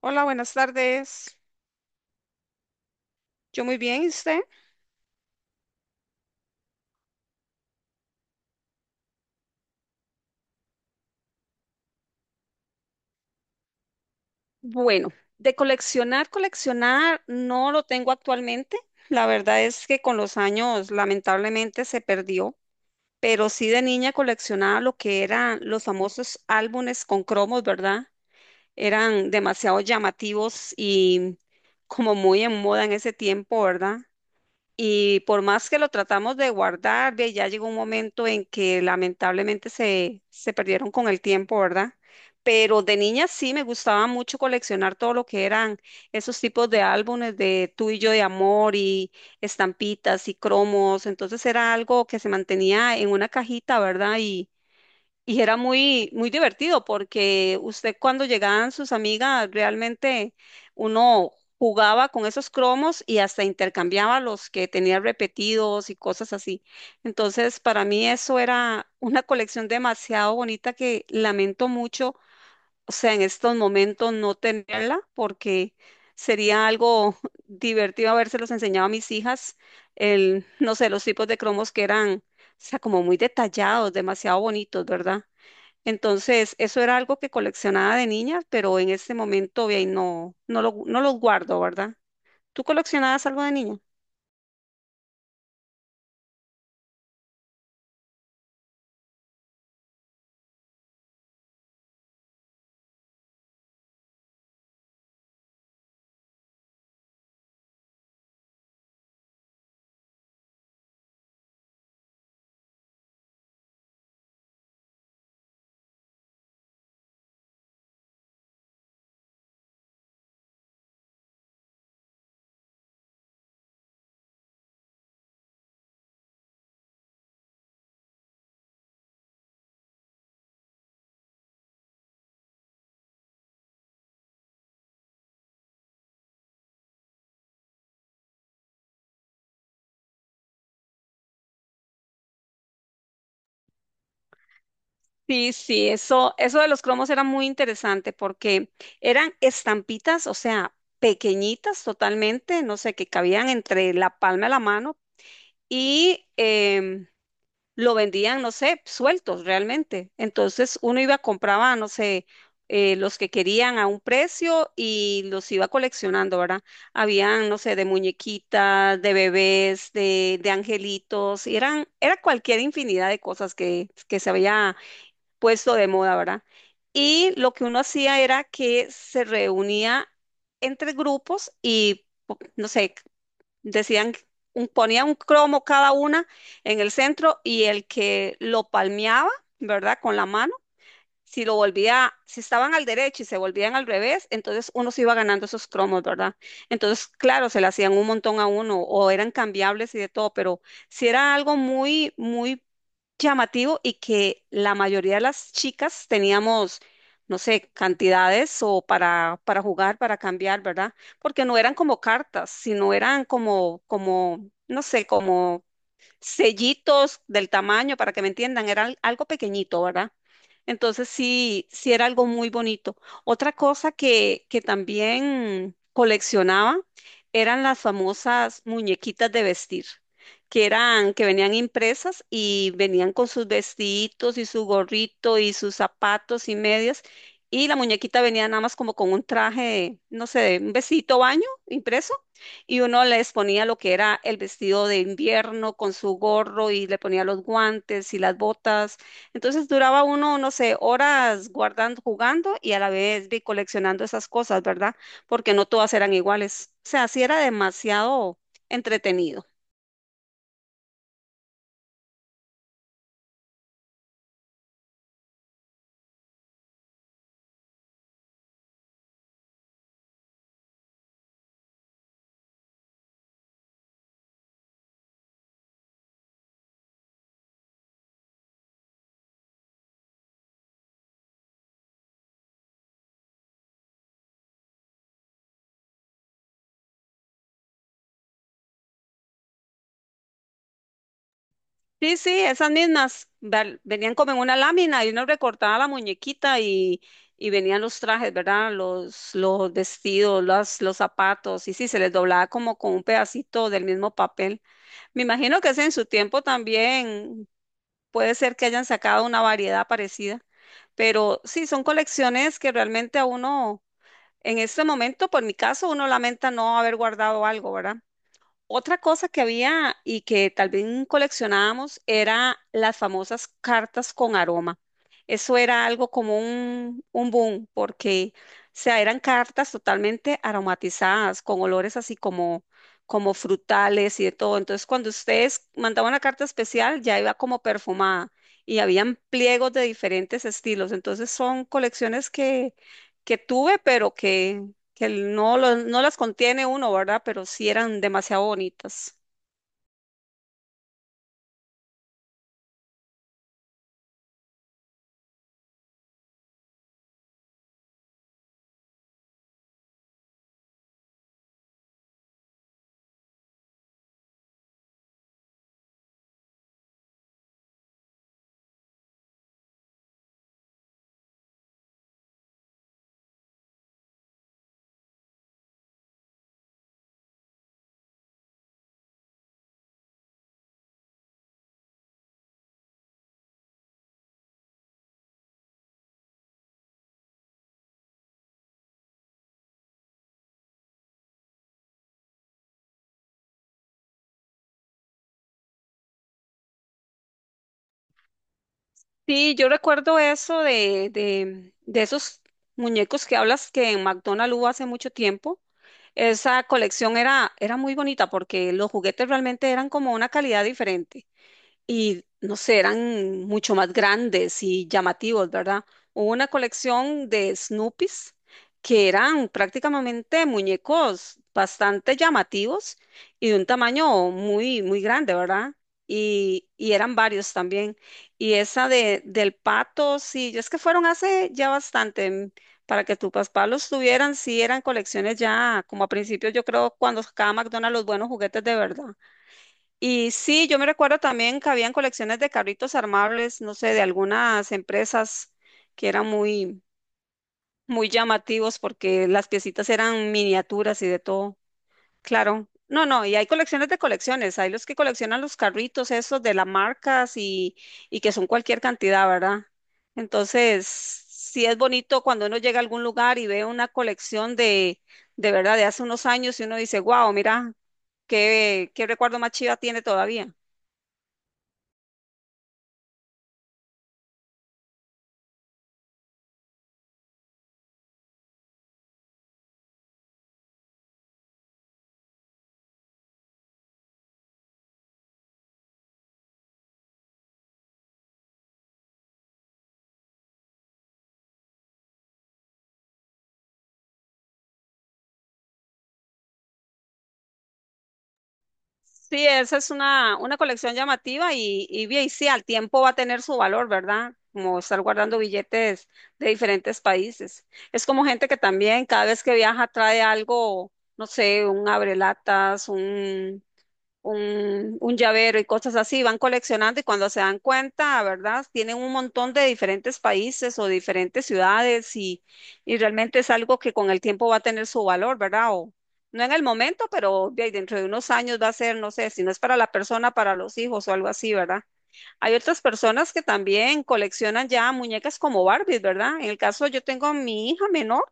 Hola, buenas tardes. Yo muy bien, ¿y usted? Bueno, de coleccionar, coleccionar no lo tengo actualmente. La verdad es que con los años lamentablemente se perdió, pero sí de niña coleccionaba lo que eran los famosos álbumes con cromos, ¿verdad? Eran demasiado llamativos y como muy en moda en ese tiempo, ¿verdad? Y por más que lo tratamos de guardar, ve, ya llegó un momento en que lamentablemente se perdieron con el tiempo, ¿verdad? Pero de niña sí me gustaba mucho coleccionar todo lo que eran esos tipos de álbumes de Tú y yo de amor y estampitas y cromos. Entonces era algo que se mantenía en una cajita, ¿verdad? Y era muy, muy divertido porque usted cuando llegaban sus amigas, realmente uno jugaba con esos cromos y hasta intercambiaba los que tenía repetidos y cosas así. Entonces, para mí eso era una colección demasiado bonita que lamento mucho, o sea, en estos momentos no tenerla porque sería algo divertido habérselos enseñado a mis hijas, el, no sé, los tipos de cromos que eran, o sea, como muy detallados, demasiado bonitos, ¿verdad? Entonces, eso era algo que coleccionaba de niña, pero en este momento ve, no, no los guardo, ¿verdad? ¿Tú coleccionabas algo de niña? Sí, sí, eso de los cromos era muy interesante porque eran estampitas, o sea, pequeñitas totalmente, no sé, que cabían entre la palma de la mano y lo vendían, no sé, sueltos realmente. Entonces uno iba, compraba, no sé, los que querían a un precio y los iba coleccionando, ¿verdad? Habían, no sé, de muñequitas, de bebés, de angelitos, y eran, era cualquier infinidad de cosas que se había puesto de moda, ¿verdad? Y lo que uno hacía era que se reunía entre grupos y, no sé, decían, ponían un cromo cada una en el centro y el que lo palmeaba, ¿verdad? Con la mano si lo volvía, si estaban al derecho y se volvían al revés, entonces uno se iba ganando esos cromos, ¿verdad? Entonces, claro, se le hacían un montón a uno o eran cambiables y de todo, pero si era algo muy, muy llamativo y que la mayoría de las chicas teníamos, no sé, cantidades o para jugar, para cambiar, ¿verdad? Porque no eran como cartas, sino eran como, como, no sé, como sellitos del tamaño, para que me entiendan, era algo pequeñito, ¿verdad? Entonces sí, sí era algo muy bonito. Otra cosa que también coleccionaba eran las famosas muñequitas de vestir, que eran, que venían impresas y venían con sus vestiditos y su gorrito y sus zapatos y medias. Y la muñequita venía nada más como con un traje, no sé, un vestidito baño impreso y uno les ponía lo que era el vestido de invierno con su gorro y le ponía los guantes y las botas. Entonces duraba uno, no sé, horas guardando, jugando y a la vez vi coleccionando esas cosas, ¿verdad? Porque no todas eran iguales. O sea, sí era demasiado entretenido. Sí, sí, esas mismas venían como en una lámina y uno recortaba la muñequita y venían los trajes, ¿verdad? Los vestidos, los zapatos y sí, se les doblaba como con un pedacito del mismo papel. Me imagino que ese en su tiempo también puede ser que hayan sacado una variedad parecida, pero sí, son colecciones que realmente a uno, en este momento, por mi caso, uno lamenta no haber guardado algo, ¿verdad? Otra cosa que había y que tal vez coleccionábamos era las famosas cartas con aroma. Eso era algo como un boom, porque o sea, eran cartas totalmente aromatizadas, con olores así como, como frutales y de todo. Entonces, cuando ustedes mandaban una carta especial, ya iba como perfumada y habían pliegos de diferentes estilos. Entonces, son colecciones que tuve, pero que no, no las contiene uno, ¿verdad? Pero sí eran demasiado bonitas. Sí, yo recuerdo eso de esos muñecos que hablas que en McDonald's hubo hace mucho tiempo. Esa colección era, era muy bonita porque los juguetes realmente eran como una calidad diferente. Y no sé, eran mucho más grandes y llamativos, ¿verdad? Hubo una colección de Snoopies que eran prácticamente muñecos bastante llamativos y de un tamaño muy, muy grande, ¿verdad? Y eran varios también. Y esa de, del pato, sí, es que fueron hace ya bastante, para que tu papá los tuvieran, sí, eran colecciones ya, como a principios, yo creo, cuando sacaba McDonald's los buenos juguetes de verdad. Y sí, yo me recuerdo también que habían colecciones de carritos armables, no sé, de algunas empresas que eran muy, muy llamativos porque las piecitas eran miniaturas y de todo. Claro. No, no, y hay colecciones de colecciones. Hay los que coleccionan los carritos esos de las marcas y que son cualquier cantidad, ¿verdad? Entonces, sí es bonito cuando uno llega a algún lugar y ve una colección de verdad, de hace unos años y uno dice, wow, mira. ¿Qué, qué recuerdo más chiva tiene todavía? Sí, esa es una colección llamativa y bien, sí, al tiempo va a tener su valor, ¿verdad? Como estar guardando billetes de diferentes países. Es como gente que también cada vez que viaja trae algo, no sé, un abrelatas, un llavero y cosas así, van coleccionando y cuando se dan cuenta, ¿verdad? Tienen un montón de diferentes países o diferentes ciudades y realmente es algo que con el tiempo va a tener su valor, ¿verdad? O, no en el momento, pero de ahí dentro de unos años va a ser, no sé, si no es para la persona, para los hijos o algo así, ¿verdad? Hay otras personas que también coleccionan ya muñecas como Barbies, ¿verdad? En el caso, yo tengo a mi hija menor.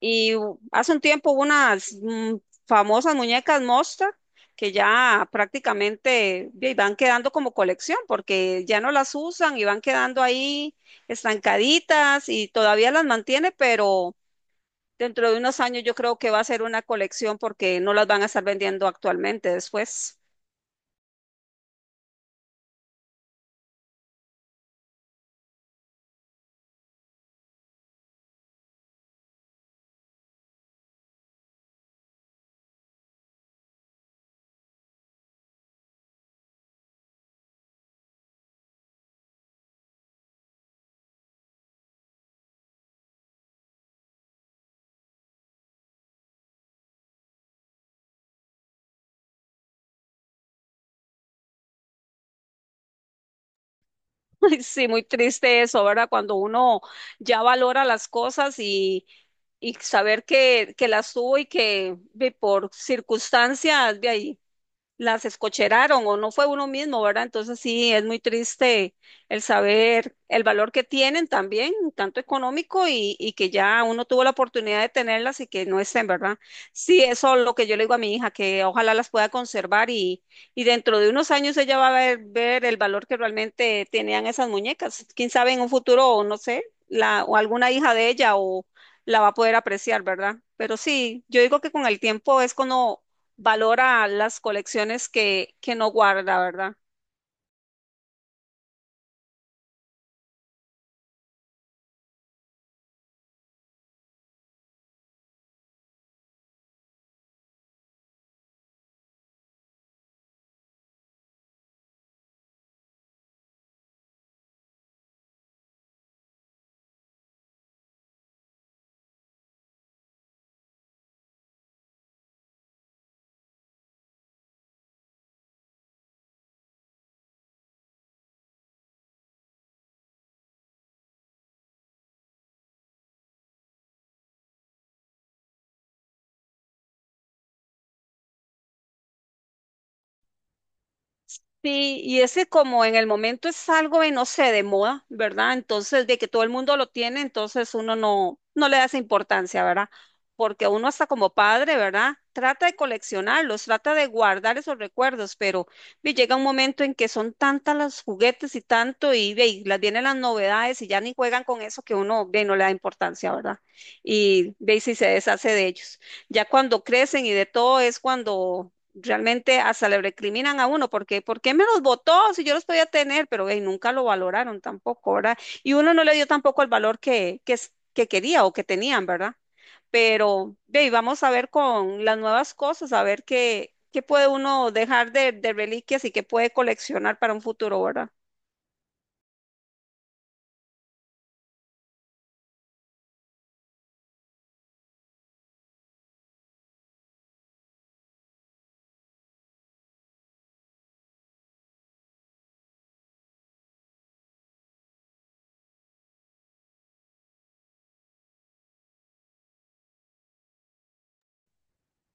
Y hace un tiempo hubo unas famosas muñecas Monster que ya prácticamente ahí, van quedando como colección porque ya no las usan y van quedando ahí estancaditas y todavía las mantiene, pero dentro de unos años yo creo que va a ser una colección porque no las van a estar vendiendo actualmente después. Ay, sí, muy triste eso, ¿verdad? Cuando uno ya valora las cosas y saber que las tuvo y que ve, por circunstancias de ahí las escocheraron o no fue uno mismo, ¿verdad? Entonces sí, es muy triste el saber el valor que tienen también, tanto económico y que ya uno tuvo la oportunidad de tenerlas y que no estén, ¿verdad? Sí, eso es lo que yo le digo a mi hija, que ojalá las pueda conservar y dentro de unos años ella va a ver, ver el valor que realmente tenían esas muñecas. Quién sabe en un futuro, o no sé, la, o alguna hija de ella o la va a poder apreciar, ¿verdad? Pero sí, yo digo que con el tiempo es cuando valora las colecciones que no guarda, ¿verdad? Sí, y ese como en el momento es algo de, no sé, de moda, ¿verdad? Entonces, de que todo el mundo lo tiene, entonces uno no, no le da esa importancia, ¿verdad? Porque uno hasta como padre, ¿verdad? Trata de coleccionarlos, trata de guardar esos recuerdos, pero vi, llega un momento en que son tantas los juguetes y tanto, y, ve, y las vienen las novedades y ya ni juegan con eso que uno ve, no le da importancia, ¿verdad? Y ve y si se deshace de ellos. Ya cuando crecen y de todo es cuando realmente hasta le recriminan a uno, porque ¿por qué me los votó si yo los podía tener? Pero ey, nunca lo valoraron tampoco, ¿verdad? Y uno no le dio tampoco el valor que quería o que tenían, ¿verdad? Pero ey, vamos a ver con las nuevas cosas, a ver qué, qué puede uno dejar de reliquias y qué puede coleccionar para un futuro, ¿verdad?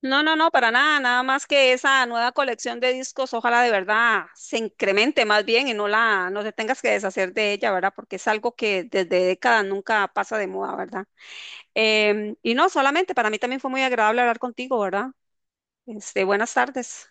No, no, no, para nada, nada más que esa nueva colección de discos, ojalá de verdad se incremente más bien y no la, no te tengas que deshacer de ella, ¿verdad? Porque es algo que desde décadas nunca pasa de moda, ¿verdad? Y no, solamente para mí también fue muy agradable hablar contigo, ¿verdad? Este, buenas tardes.